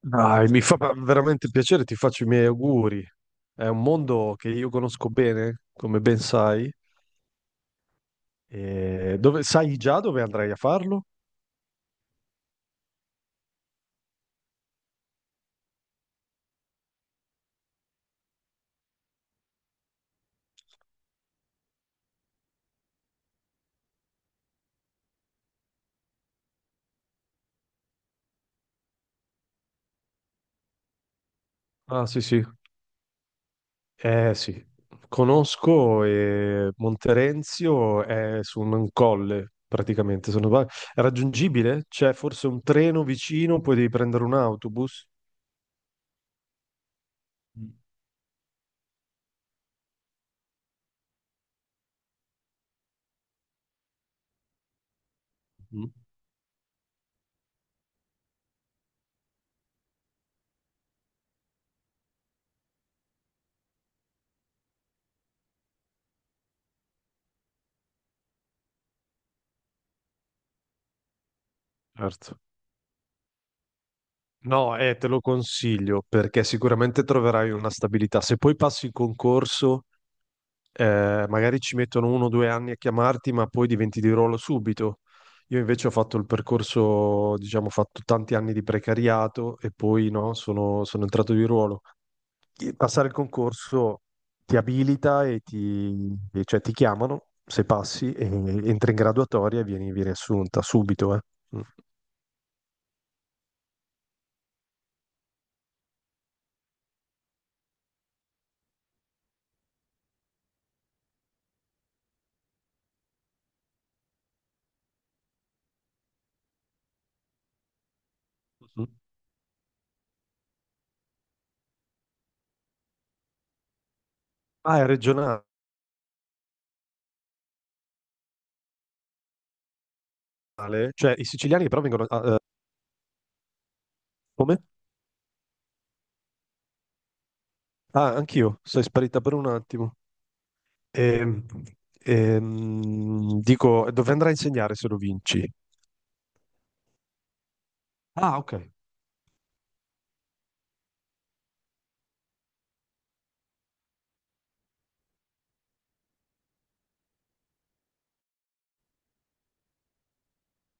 Dai, mi fa veramente piacere, ti faccio i miei auguri. È un mondo che io conosco bene, come ben sai. E dove, sai già dove andrai a farlo? Ah, sì, sì. Sì. Conosco e Monterenzio è su un colle, praticamente. Se non sbaglio. È raggiungibile? C'è forse un treno vicino, poi devi prendere un autobus? Mm. Certo. No, te lo consiglio perché sicuramente troverai una stabilità. Se poi passi il concorso, magari ci mettono uno o due anni a chiamarti, ma poi diventi di ruolo subito. Io invece ho fatto il percorso, diciamo, ho fatto tanti anni di precariato e poi no, sono entrato di ruolo. E passare il concorso ti abilita e cioè, ti chiamano, se passi, e entri in graduatoria e vieni assunta subito. Mm. Mm. Ah, è regionale? Cioè, i siciliani però vengono... ah, come? Ah, anch'io, sei sparita per un attimo. Ehm, Dico, dove andrai a insegnare se lo vinci? Ah, ok.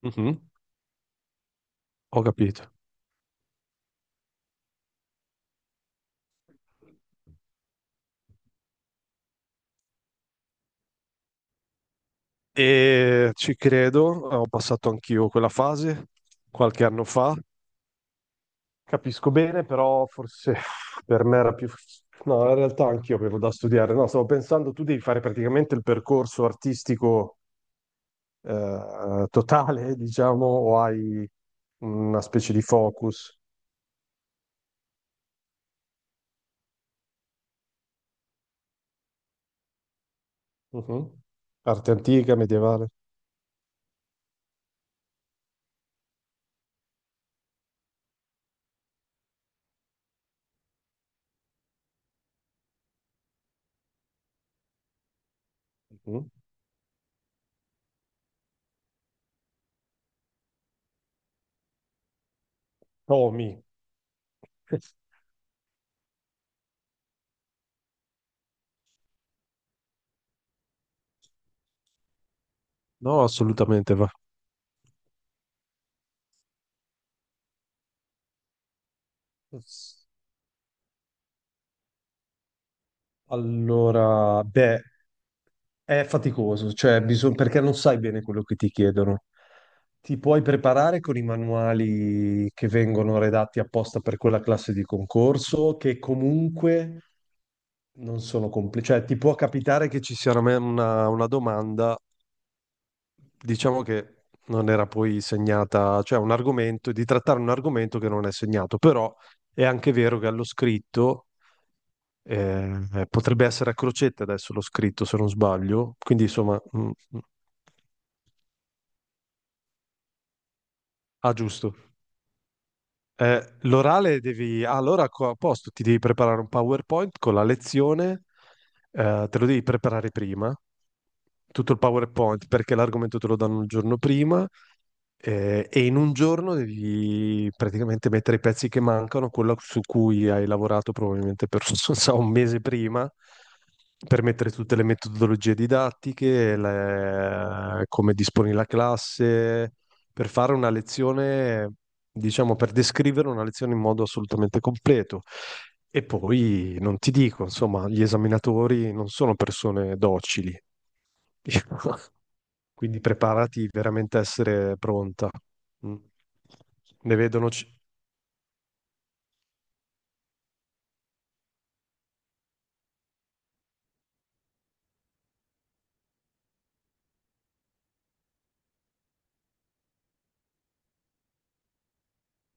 Mhm. Ho capito. E ci credo, ho passato anch'io quella fase qualche anno fa. Capisco bene, però forse per me era più... No, in realtà anch'io avevo da studiare. No, stavo pensando, tu devi fare praticamente il percorso artistico, totale, diciamo, o hai una specie di focus? Mhm. Arte antica, medievale. Mhm. Tommy. No, assolutamente va. Allora, beh, è faticoso, cioè bisogna, perché non sai bene quello che ti chiedono. Ti puoi preparare con i manuali che vengono redatti apposta per quella classe di concorso, che comunque non sono completi. Cioè, ti può capitare che ci sia una domanda, diciamo, che non era poi segnata, cioè un argomento, di trattare un argomento che non è segnato, però è anche vero che allo scritto. Potrebbe essere a crocetta, adesso l'ho scritto se non sbaglio, quindi insomma, Ah, giusto. L'orale devi... ah, allora a posto, ti devi preparare un PowerPoint con la lezione, te lo devi preparare prima, tutto il PowerPoint, perché l'argomento te lo danno il giorno prima, e in un giorno devi praticamente mettere i pezzi che mancano, quello su cui hai lavorato probabilmente per, non so, un mese prima, per mettere tutte le metodologie didattiche, come disponi la classe per fare una lezione, diciamo, per descrivere una lezione in modo assolutamente completo. E poi non ti dico, insomma, gli esaminatori non sono persone docili, quindi preparati veramente a essere pronta. Mm. Ne vedono.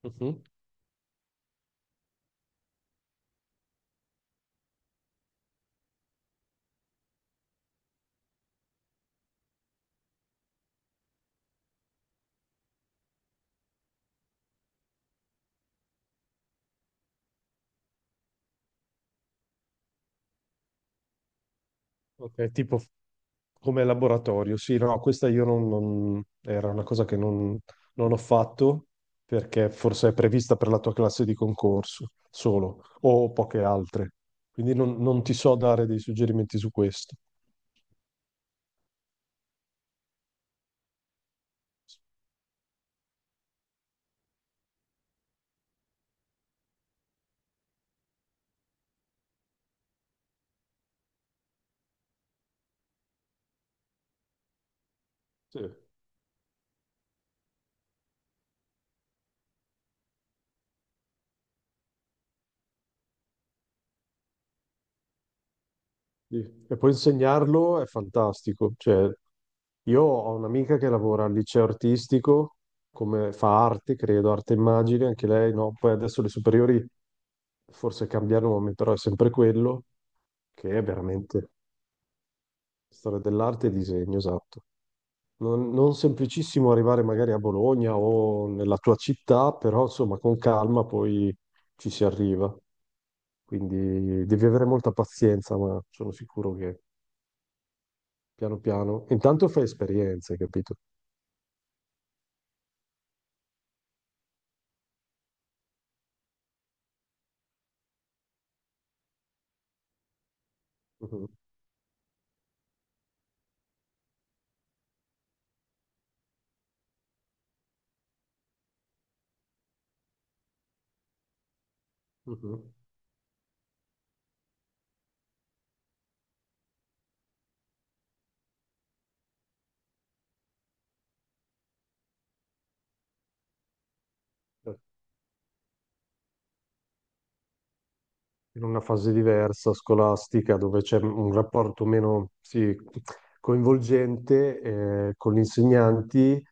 Mhm. Ok, tipo come laboratorio, sì, no, questa io era una cosa che non ho fatto perché forse è prevista per la tua classe di concorso solo o poche altre, quindi non ti so dare dei suggerimenti su questo. Sì, sì. E poi insegnarlo è fantastico, cioè io ho un'amica che lavora al liceo artistico, come fa arte, credo, arte e immagini, anche lei, no? Poi adesso le superiori forse cambiano nome, però è sempre quello. Che è veramente storia dell'arte e disegno, esatto. Non, non semplicissimo arrivare magari a Bologna o nella tua città, però insomma con calma poi ci si arriva. Quindi devi avere molta pazienza, ma sono sicuro che piano piano, intanto fai esperienze, capito? Mhm, mhm. Eh, in una fase diversa, scolastica, dove c'è un rapporto meno, sì, coinvolgente, con gli insegnanti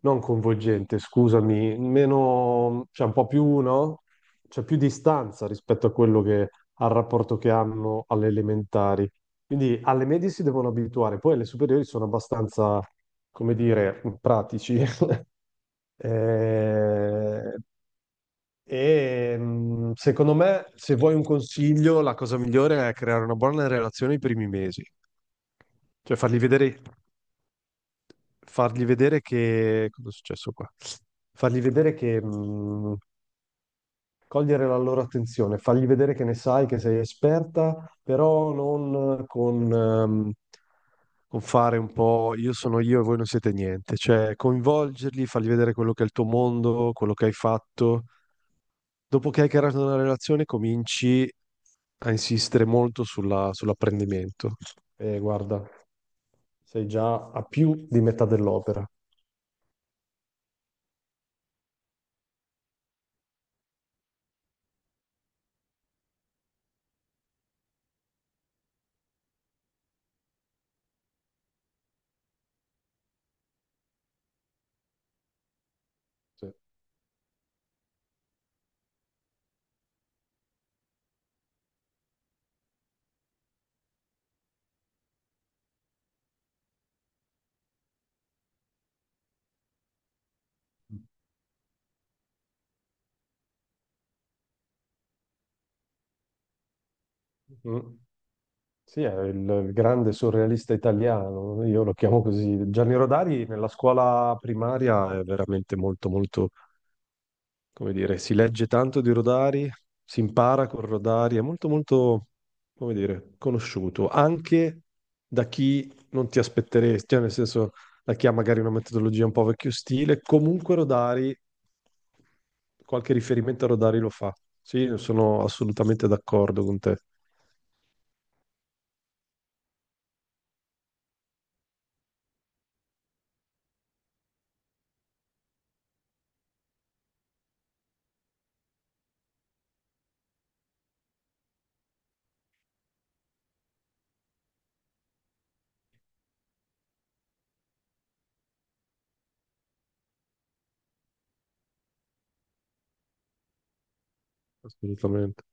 non coinvolgente, scusami, meno, cioè un po' più, no? C'è più distanza rispetto a quello che, al rapporto che hanno alle elementari. Quindi alle medie si devono abituare, poi alle superiori sono abbastanza, come dire, pratici. Eh, secondo me, se vuoi un consiglio, la cosa migliore è creare una buona relazione i primi mesi, cioè fargli vedere che... Cosa è successo qua? Fargli vedere che... cogliere la loro attenzione, fargli vedere che ne sai, che sei esperta, però non con, con fare un po' io sono io e voi non siete niente. Cioè, coinvolgerli, fargli vedere quello che è il tuo mondo, quello che hai fatto. Dopo che hai creato una relazione, cominci a insistere molto sull'apprendimento. E guarda, sei già a più di metà dell'opera. Sì. Mm. Sì, è il grande surrealista italiano, io lo chiamo così. Gianni Rodari nella scuola primaria è veramente molto, molto, come dire, si legge tanto di Rodari, si impara con Rodari, è molto, molto, come dire, conosciuto, anche da chi non ti aspetteresti, cioè nel senso, da chi ha magari una metodologia un po' vecchio stile, comunque Rodari, qualche riferimento a Rodari lo fa. Sì, sono assolutamente d'accordo con te, assolutamente.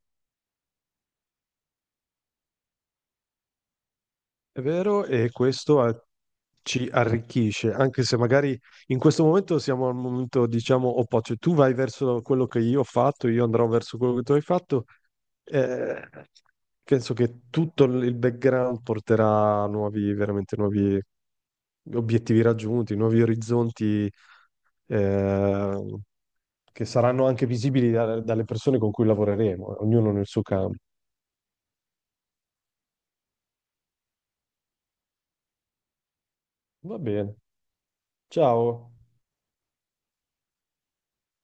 È vero, e questo ci arricchisce, anche se magari in questo momento siamo al momento, diciamo, opposto. Cioè, tu vai verso quello che io ho fatto, io andrò verso quello che tu hai fatto. Eh, penso che tutto il background porterà a nuovi, veramente nuovi obiettivi raggiunti, nuovi orizzonti, eh, che saranno anche visibili dalle persone con cui lavoreremo, ognuno nel suo campo. Va bene. Ciao.